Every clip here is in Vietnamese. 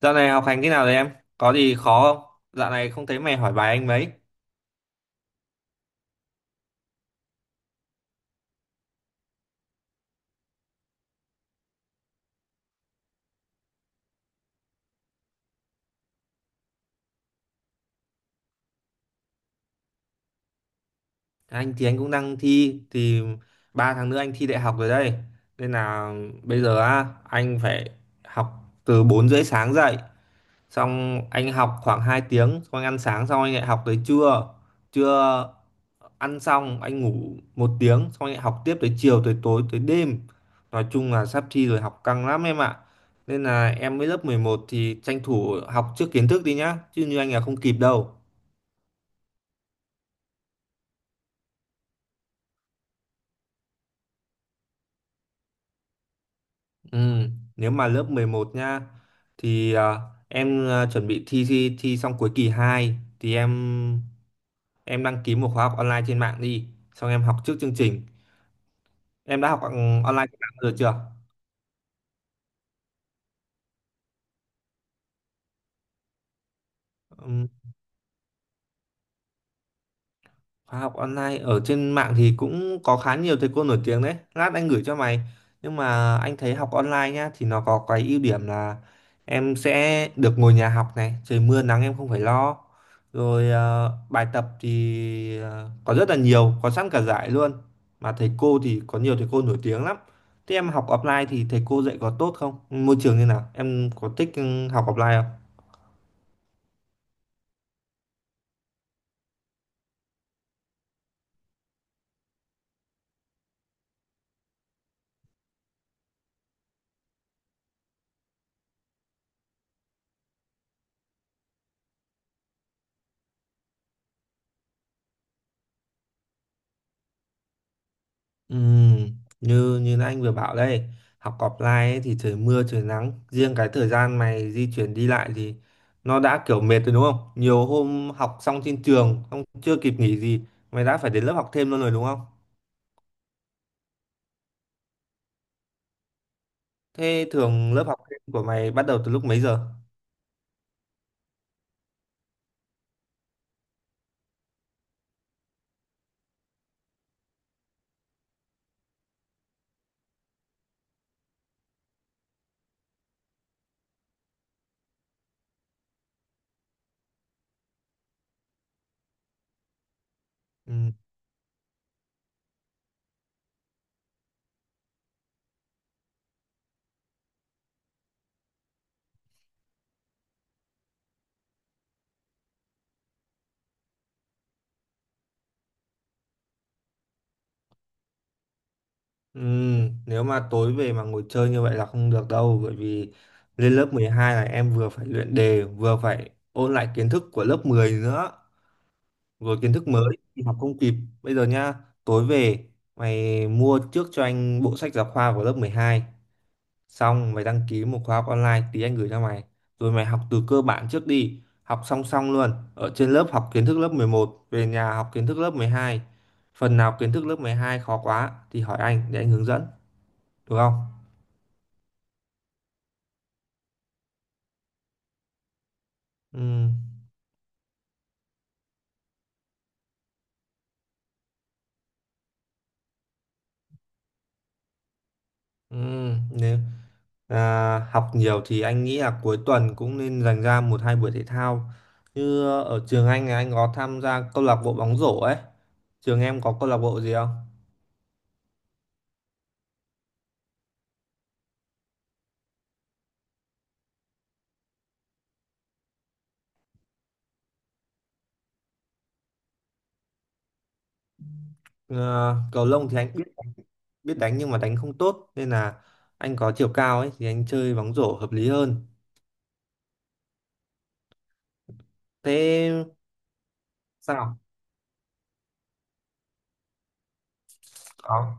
Dạo này học hành thế nào rồi em? Có gì khó không? Dạo này không thấy mày hỏi bài anh mấy. Anh thì anh cũng đang thi thì 3 tháng nữa anh thi đại học rồi đây, nên là bây giờ á anh phải học từ 4h30 sáng dậy, xong anh học khoảng 2 tiếng, xong anh ăn sáng, xong anh lại học tới trưa. Trưa ăn xong anh ngủ 1 tiếng, xong anh lại học tiếp tới chiều tới tối tới đêm. Nói chung là sắp thi rồi, học căng lắm em ạ. Nên là em mới lớp 11 thì tranh thủ học trước kiến thức đi nhá, chứ như anh là không kịp đâu. Ừ, nếu mà lớp 11 nha thì em à, chuẩn bị thi, thi xong cuối kỳ 2 thì em đăng ký một khóa học online trên mạng đi. Xong em học trước chương trình. Em đã học online trên mạng rồi chưa? Ừ. Khóa học online ở trên mạng thì cũng có khá nhiều thầy cô nổi tiếng đấy. Lát anh gửi cho mày. Nhưng mà anh thấy học online nhá thì nó có cái ưu điểm là em sẽ được ngồi nhà học này, trời mưa nắng em không phải lo. Rồi bài tập thì có rất là nhiều, có sẵn cả giải luôn. Mà thầy cô thì có nhiều thầy cô nổi tiếng lắm. Thế em học offline thì thầy cô dạy có tốt không? Môi trường như nào? Em có thích học offline không? Ừm, như như anh vừa bảo đây, học offline ấy, thì trời mưa trời nắng riêng cái thời gian mày di chuyển đi lại thì nó đã kiểu mệt rồi đúng không? Nhiều hôm học xong trên trường không, chưa kịp nghỉ gì mày đã phải đến lớp học thêm luôn rồi đúng không? Thế thường lớp học thêm của mày bắt đầu từ lúc mấy giờ? Ừ. Nếu mà tối về mà ngồi chơi như vậy là không được đâu, bởi vì lên lớp 12 là em vừa phải luyện đề vừa phải ôn lại kiến thức của lớp 10 nữa, rồi kiến thức mới thì học không kịp. Bây giờ nhá, tối về mày mua trước cho anh bộ sách giáo khoa của lớp 12, xong mày đăng ký một khóa học online, tí anh gửi cho mày, rồi mày học từ cơ bản trước đi, học song song luôn, ở trên lớp học kiến thức lớp 11, về nhà học kiến thức lớp 12. Phần nào kiến thức lớp 12 khó quá thì hỏi anh để anh hướng dẫn, được không? Ừ. Ừ. nếu, À, học nhiều thì anh nghĩ là cuối tuần cũng nên dành ra một hai buổi thể thao. Như ở trường anh thì anh có tham gia câu lạc bộ bóng rổ ấy. Trường em có câu lạc bộ gì không? Ờ, cầu lông thì anh biết đánh nhưng mà đánh không tốt, nên là anh có chiều cao ấy thì anh chơi bóng rổ hợp lý hơn. Thế sao? Có.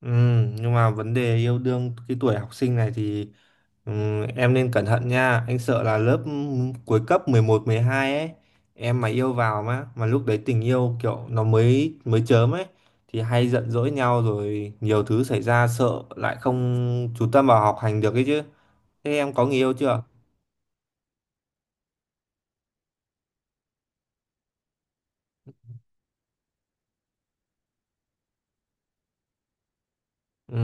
Ừ, nhưng mà vấn đề yêu đương cái tuổi học sinh này thì ừ, em nên cẩn thận nha. Anh sợ là lớp cuối cấp mười một mười hai ấy, em mà yêu vào mà lúc đấy tình yêu kiểu nó mới mới chớm ấy thì hay giận dỗi nhau rồi nhiều thứ xảy ra, sợ lại không chú tâm vào học hành được ấy chứ. Thế em có người yêu chưa? Ừ,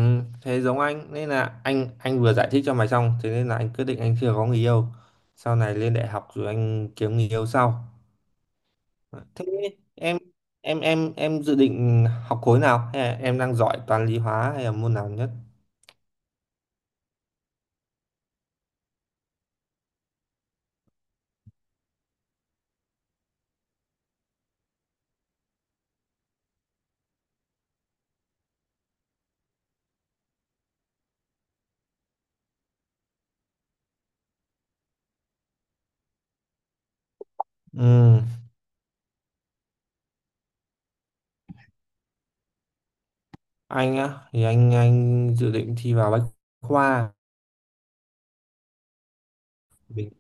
thế giống anh, nên là anh vừa giải thích cho mày xong, thế nên là anh quyết định anh chưa có người yêu, sau này lên đại học rồi anh kiếm người yêu sau. Thế em em dự định học khối nào, hay là em đang giỏi toán lý hóa, hay là môn nào nhất? Ừ, anh á thì anh dự định thi vào bách khoa. mình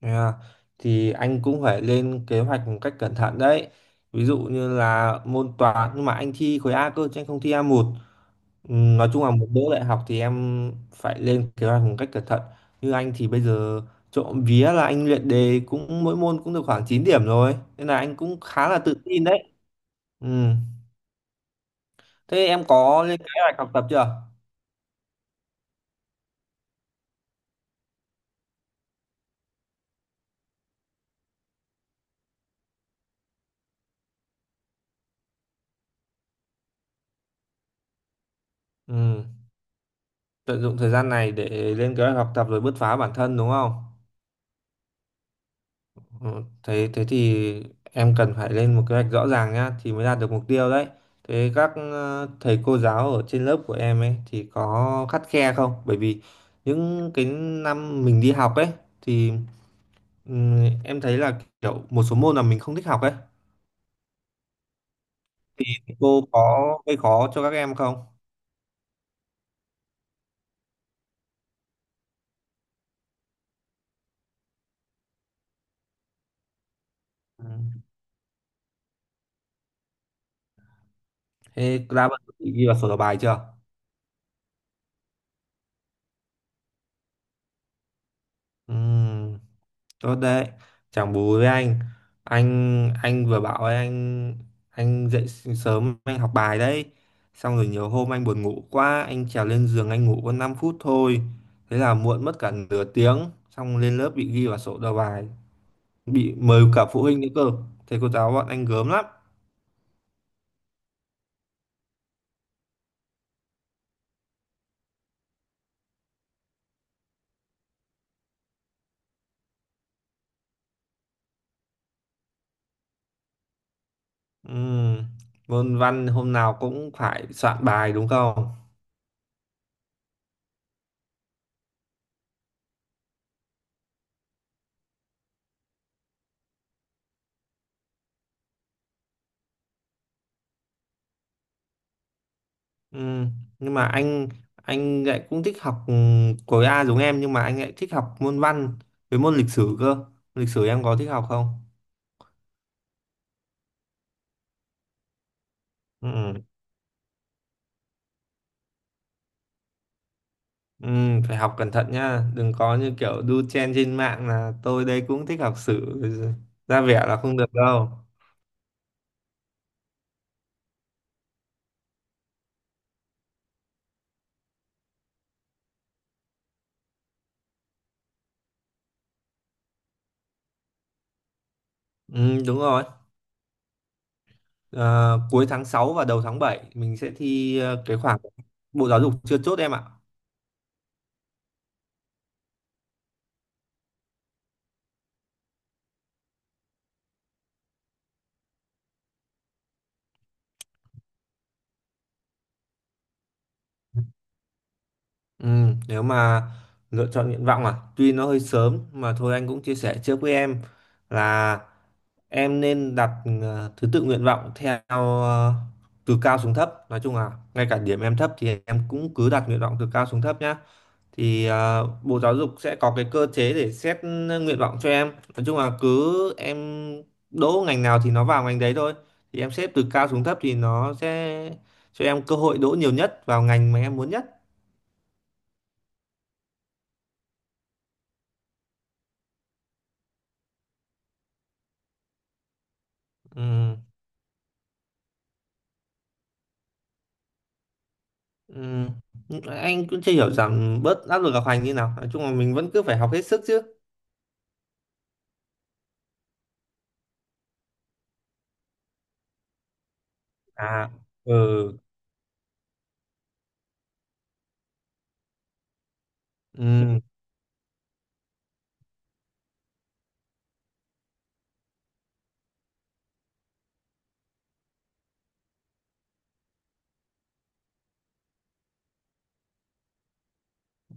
à, thì anh cũng phải lên kế hoạch một cách cẩn thận đấy. Ví dụ như là môn toán, nhưng mà anh thi khối A cơ chứ anh không thi A1. Ừ, nói chung là một đỗ đại học thì em phải lên kế hoạch một cách cẩn thận. Như anh thì bây giờ trộm vía là anh luyện đề cũng mỗi môn cũng được khoảng 9 điểm rồi. Nên là anh cũng khá là tự tin đấy. Ừ. Thế em có lên kế hoạch học tập chưa? Ừ. Tận dụng thời gian này để lên kế hoạch học tập rồi bứt phá bản thân đúng không? Ờ, Thế thế thì em cần phải lên một kế hoạch rõ ràng nhá thì mới đạt được mục tiêu đấy. Thế các thầy cô giáo ở trên lớp của em ấy thì có khắt khe không? Bởi vì những cái năm mình đi học ấy thì em thấy là kiểu một số môn là mình không thích học ấy. Cô có gây khó cho các em không? Ừ. Thế đã bận ghi vào sổ đầu bài chưa? Ừ. Tốt đấy. Chẳng bù với anh, anh vừa bảo ấy, anh dậy sớm anh học bài đấy, xong rồi nhiều hôm anh buồn ngủ quá anh trèo lên giường anh ngủ có 5 phút thôi, thế là muộn mất cả nửa tiếng, xong lên lớp bị ghi vào sổ đầu bài, bị mời cả phụ huynh nữa cơ, thầy cô giáo bọn anh gớm lắm. Ừm, Môn văn hôm nào cũng phải soạn bài đúng không? Ừ, nhưng mà anh lại cũng thích học khối A giống em, nhưng mà anh lại thích học môn văn với môn lịch sử cơ. Lịch sử em có thích học không? Ừ, ừ, phải học cẩn thận nha, đừng có như kiểu đu chen trên mạng là tôi đây cũng thích học sử, ra vẻ là không được đâu. Ừ, đúng rồi. Ờ, cuối tháng 6 và đầu tháng 7 mình sẽ thi cái khoảng Bộ Giáo dục chưa chốt em ạ. Ừ, nếu mà lựa chọn nguyện vọng tuy nó hơi sớm mà thôi anh cũng chia sẻ trước với em là em nên đặt thứ tự nguyện vọng theo ờ, từ cao xuống thấp. Nói chung là ngay cả điểm em thấp thì em cũng cứ đặt nguyện vọng từ cao xuống thấp nhá. Thì Bộ Giáo dục sẽ có cái cơ chế để xét nguyện vọng cho em. Nói chung là cứ em đỗ ngành nào thì nó vào ngành đấy thôi. Thì em xếp từ cao xuống thấp thì nó sẽ cho em cơ hội đỗ nhiều nhất vào ngành mà em muốn nhất. Ừ. Ừm, anh cũng chưa hiểu rằng bớt áp lực học hành như nào, nói chung là mình vẫn cứ phải học hết sức chứ. À. Ừ. ừm,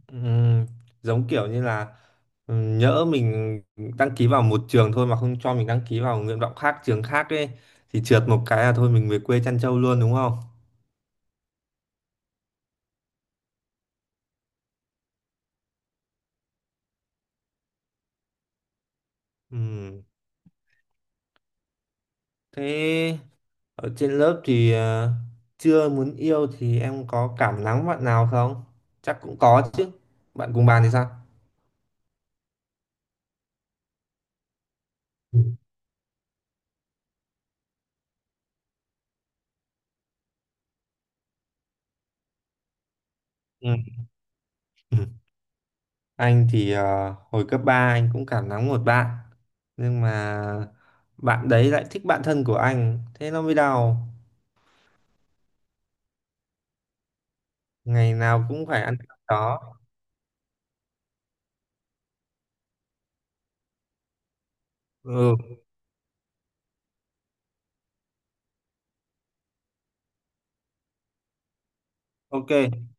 ừm, Giống kiểu như là nhỡ mình đăng ký vào một trường thôi mà không cho mình đăng ký vào nguyện vọng khác trường khác ấy, thì trượt một cái là thôi mình về quê chăn trâu luôn đúng không? Ừm, Thế ở trên lớp thì chưa muốn yêu thì em có cảm nắng bạn nào không? Chắc cũng có chứ. Bạn cùng bàn thì sao? Ừ. Ừ. Anh thì hồi cấp 3 anh cũng cảm nắng một bạn, nhưng mà bạn đấy lại thích bạn thân của anh, thế nó mới đau. Ngày nào cũng phải ăn cắp đó. Ừ, ok.